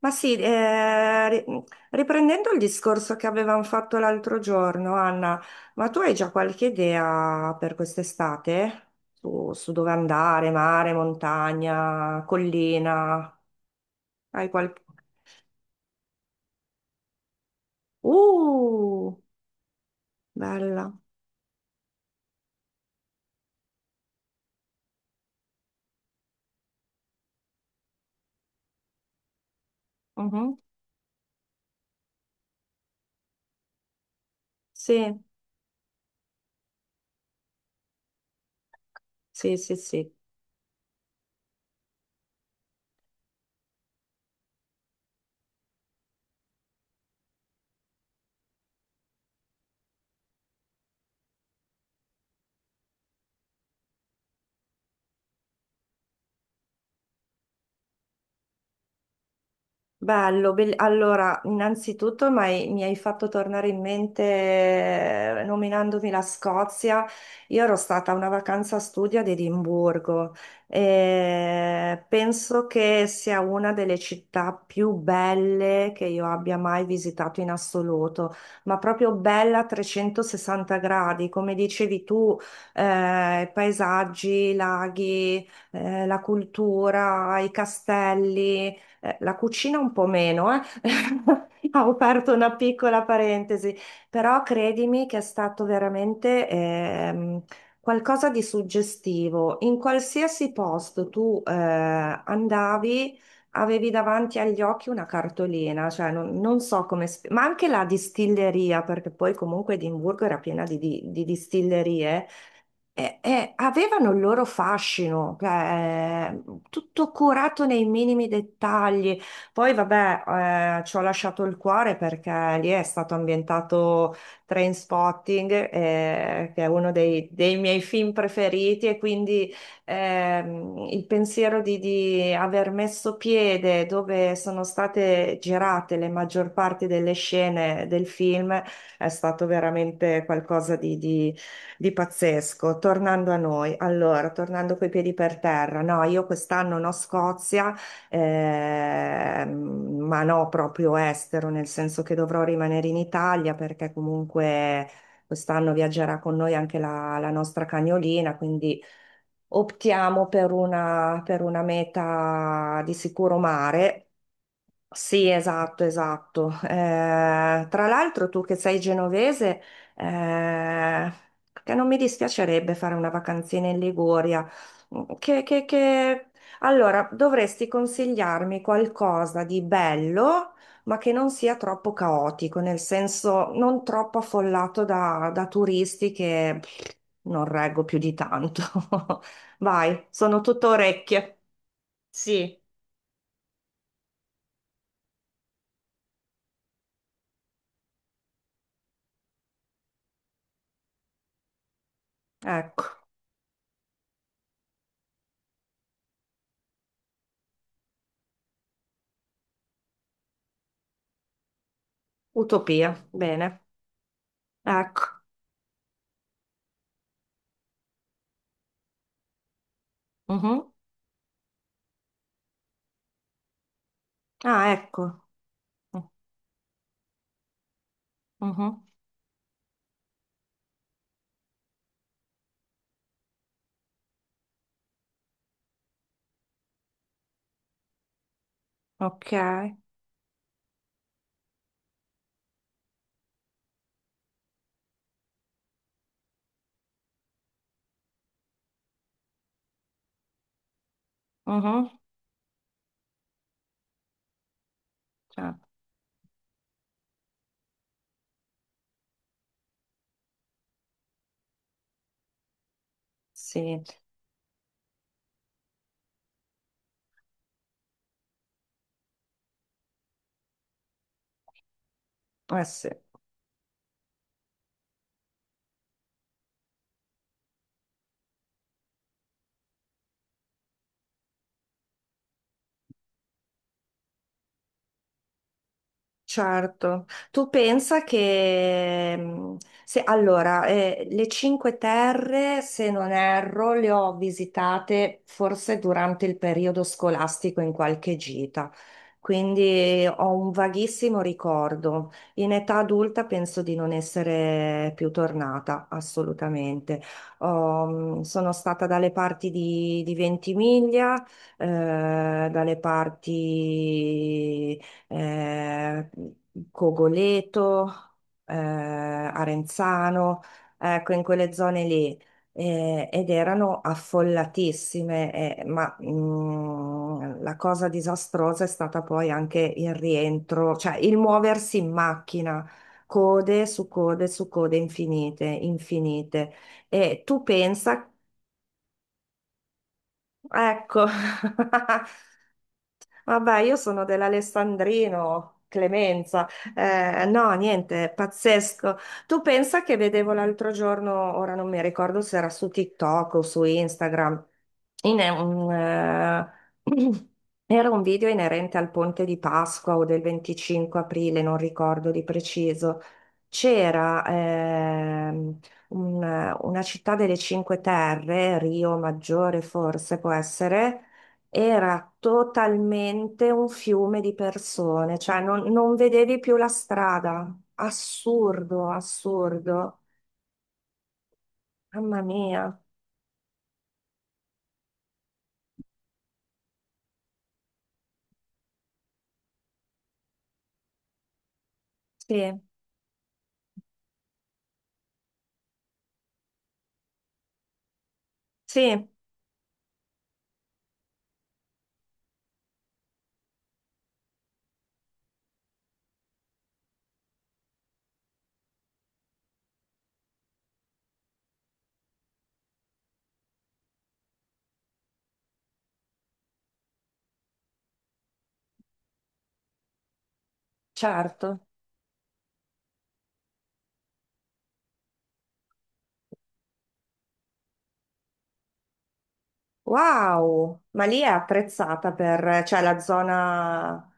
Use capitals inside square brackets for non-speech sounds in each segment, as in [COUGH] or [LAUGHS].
Ma sì, riprendendo il discorso che avevamo fatto l'altro giorno, Anna, ma tu hai già qualche idea per quest'estate? Su dove andare, mare, montagna, collina? Hai qualche... Uh, bella. Mhm. Sì, sì, sì, sì. Bello, allora, innanzitutto mi hai fatto tornare in mente nominandomi la Scozia. Io ero stata a una vacanza studio ad Edimburgo e penso che sia una delle città più belle che io abbia mai visitato in assoluto, ma proprio bella a 360 gradi, come dicevi tu, paesaggi, laghi, la cultura, i castelli. La cucina un po' meno, eh. [LAUGHS] Ho aperto una piccola parentesi, però credimi che è stato veramente qualcosa di suggestivo. In qualsiasi posto tu andavi, avevi davanti agli occhi una cartolina, cioè non so come, ma anche la distilleria, perché poi comunque Edimburgo era piena di distillerie avevano il loro fascino, cioè, tutto curato nei minimi dettagli. Poi, vabbè, ci ho lasciato il cuore perché lì è stato ambientato Trainspotting, che è uno dei miei film preferiti, e quindi il pensiero di aver messo piede dove sono state girate le maggior parte delle scene del film è stato veramente qualcosa di pazzesco, tornando a noi, allora, tornando coi piedi per terra, no, io quest'anno no Scozia, ehm, ma no proprio estero, nel senso che dovrò rimanere in Italia perché comunque quest'anno viaggerà con noi anche la nostra cagnolina, quindi optiamo per una meta di sicuro mare. Sì, esatto, esatto. Tra l'altro tu che sei genovese, eh, che non mi dispiacerebbe fare una vacanzina in Liguria. Mm. Allora, dovresti consigliarmi qualcosa di bello, ma che non sia troppo caotico, nel senso non troppo affollato da turisti che pff, non reggo più di tanto. [LAUGHS] Vai, sono tutto orecchie. Sì, ecco, utopia. Bene. Ecco. Mhm. Ah, ecco. Mhm. Ok. Mhm. Ah, sì. Sì. Certo, tu pensa che se, allora, le Cinque Terre, se non erro, le ho visitate forse durante il periodo scolastico in qualche gita, quindi ho un vaghissimo ricordo. In età adulta penso di non essere più tornata, assolutamente. Ho, sono stata dalle parti di Ventimiglia, eh, dalle parti eh, Cogoleto, Arenzano, ecco, in quelle zone lì. Eh, ed erano affollatissime, la cosa disastrosa è stata poi anche il rientro, cioè il muoversi in macchina, code su code su code infinite, infinite. E tu pensa, ecco. [LAUGHS] Vabbè, io sono dell'Alessandrino, Clemenza. No, niente, pazzesco. Tu pensa che vedevo l'altro giorno, ora non mi ricordo se era su TikTok o su Instagram, in- un, eh, [CLEARS THROAT] era un video inerente al ponte di Pasqua o del 25 aprile, non ricordo di preciso. C'era una città delle Cinque Terre, Rio Maggiore forse può essere, era totalmente un fiume di persone, cioè non vedevi più la strada. Assurdo, assurdo. Mamma mia. Sì, sì, certo. Wow, ma lì è apprezzata per, cioè la zona.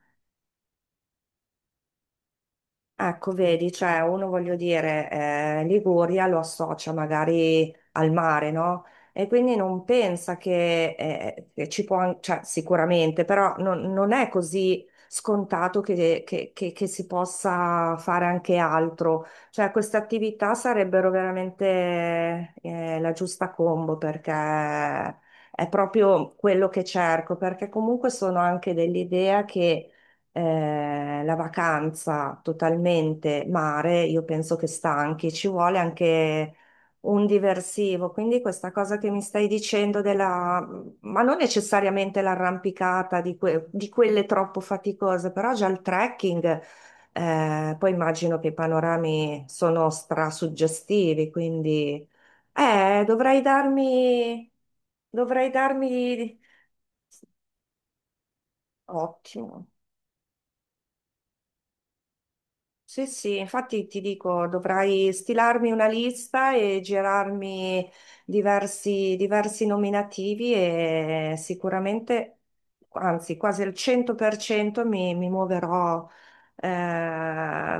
Ecco, vedi, cioè uno voglio dire, Liguria lo associa magari al mare, no? E quindi non pensa che ci può, cioè sicuramente, però non è così scontato che si possa fare anche altro. Cioè queste attività sarebbero veramente, la giusta combo perché è proprio quello che cerco, perché comunque sono anche dell'idea che la vacanza totalmente mare, io penso che stanchi, ci vuole anche un diversivo. Quindi questa cosa che mi stai dicendo della, ma non necessariamente l'arrampicata di quelle troppo faticose, però già il trekking, poi immagino che i panorami sono strasuggestivi, quindi eh, dovrei darmi, dovrei darmi. Ottimo. Sì, sì, infatti ti dico, dovrai stilarmi una lista e girarmi diversi nominativi e sicuramente, anzi quasi al 100% mi muoverò eh,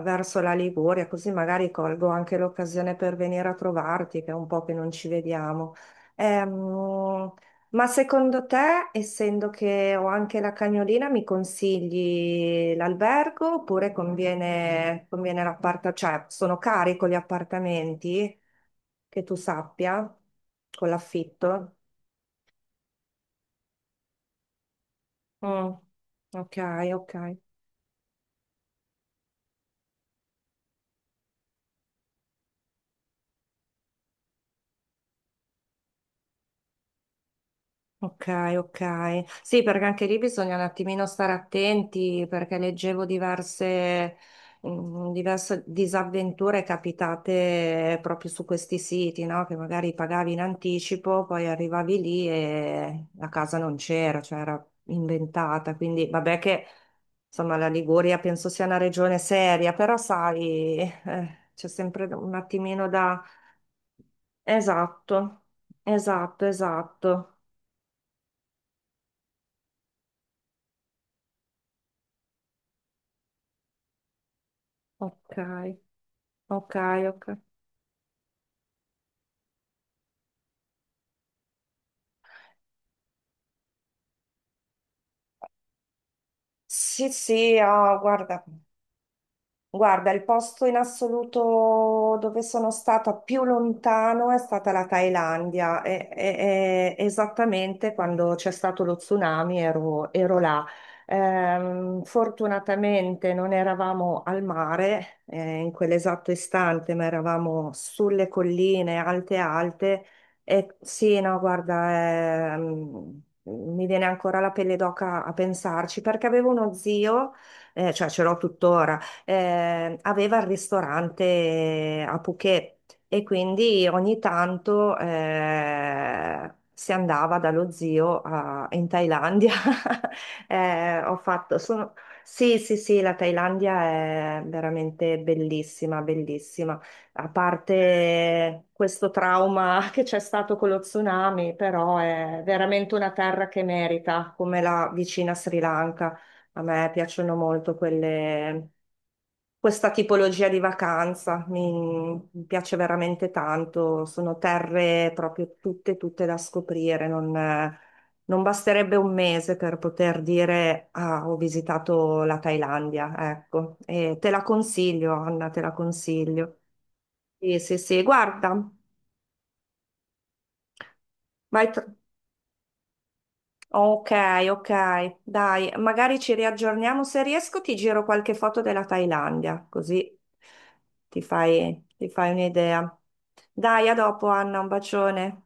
verso la Liguria, così magari colgo anche l'occasione per venire a trovarti, che è un po' che non ci vediamo. Ehm, ma secondo te, essendo che ho anche la cagnolina, mi consigli l'albergo oppure conviene l'appartamento? Cioè, sono cari con gli appartamenti, che tu sappia, con l'affitto? Mm, ok, ok. Ok, ok. Sì, perché anche lì bisogna un attimino stare attenti perché leggevo diverse disavventure capitate proprio su questi siti, no? Che magari pagavi in anticipo, poi arrivavi lì e la casa non c'era, cioè era inventata. Quindi vabbè che insomma la Liguria penso sia una regione seria, però sai, c'è sempre un attimino da... Esatto, esatto, esatto. Ok, ok, ok. Sì, sì, ah, guarda. Guarda, il posto in assoluto dove sono stata più lontano è stata la Thailandia. Esattamente quando c'è stato lo tsunami ero là. Fortunatamente non eravamo al mare, in quell'esatto istante, ma eravamo sulle colline alte alte. E sì, no, guarda, mi viene ancora la pelle d'oca a pensarci perché avevo uno zio cioè ce l'ho tuttora, aveva il ristorante a Phuket e quindi ogni tanto si andava dallo zio in Thailandia. [LAUGHS] Eh, ho fatto, sono- Sì, sì, sì, la Thailandia è veramente bellissima, bellissima. A parte questo trauma [LAUGHS] che c'è stato con lo tsunami, però è veramente una terra che merita, come la vicina Sri Lanka. A me piacciono molto quelle, questa tipologia di vacanza. Mi piace veramente tanto. Sono terre proprio tutte, tutte da scoprire. Non, non basterebbe un mese per poter dire ah, ho visitato la Thailandia. Ecco, e te la consiglio, Anna, te la consiglio. Sì, sì, sì, guarda, vai. Ok, ok, dai, magari ci riaggiorniamo. Se riesco, ti giro qualche foto della Thailandia, così ti fai un'idea. Dai, a dopo, Anna, un bacione.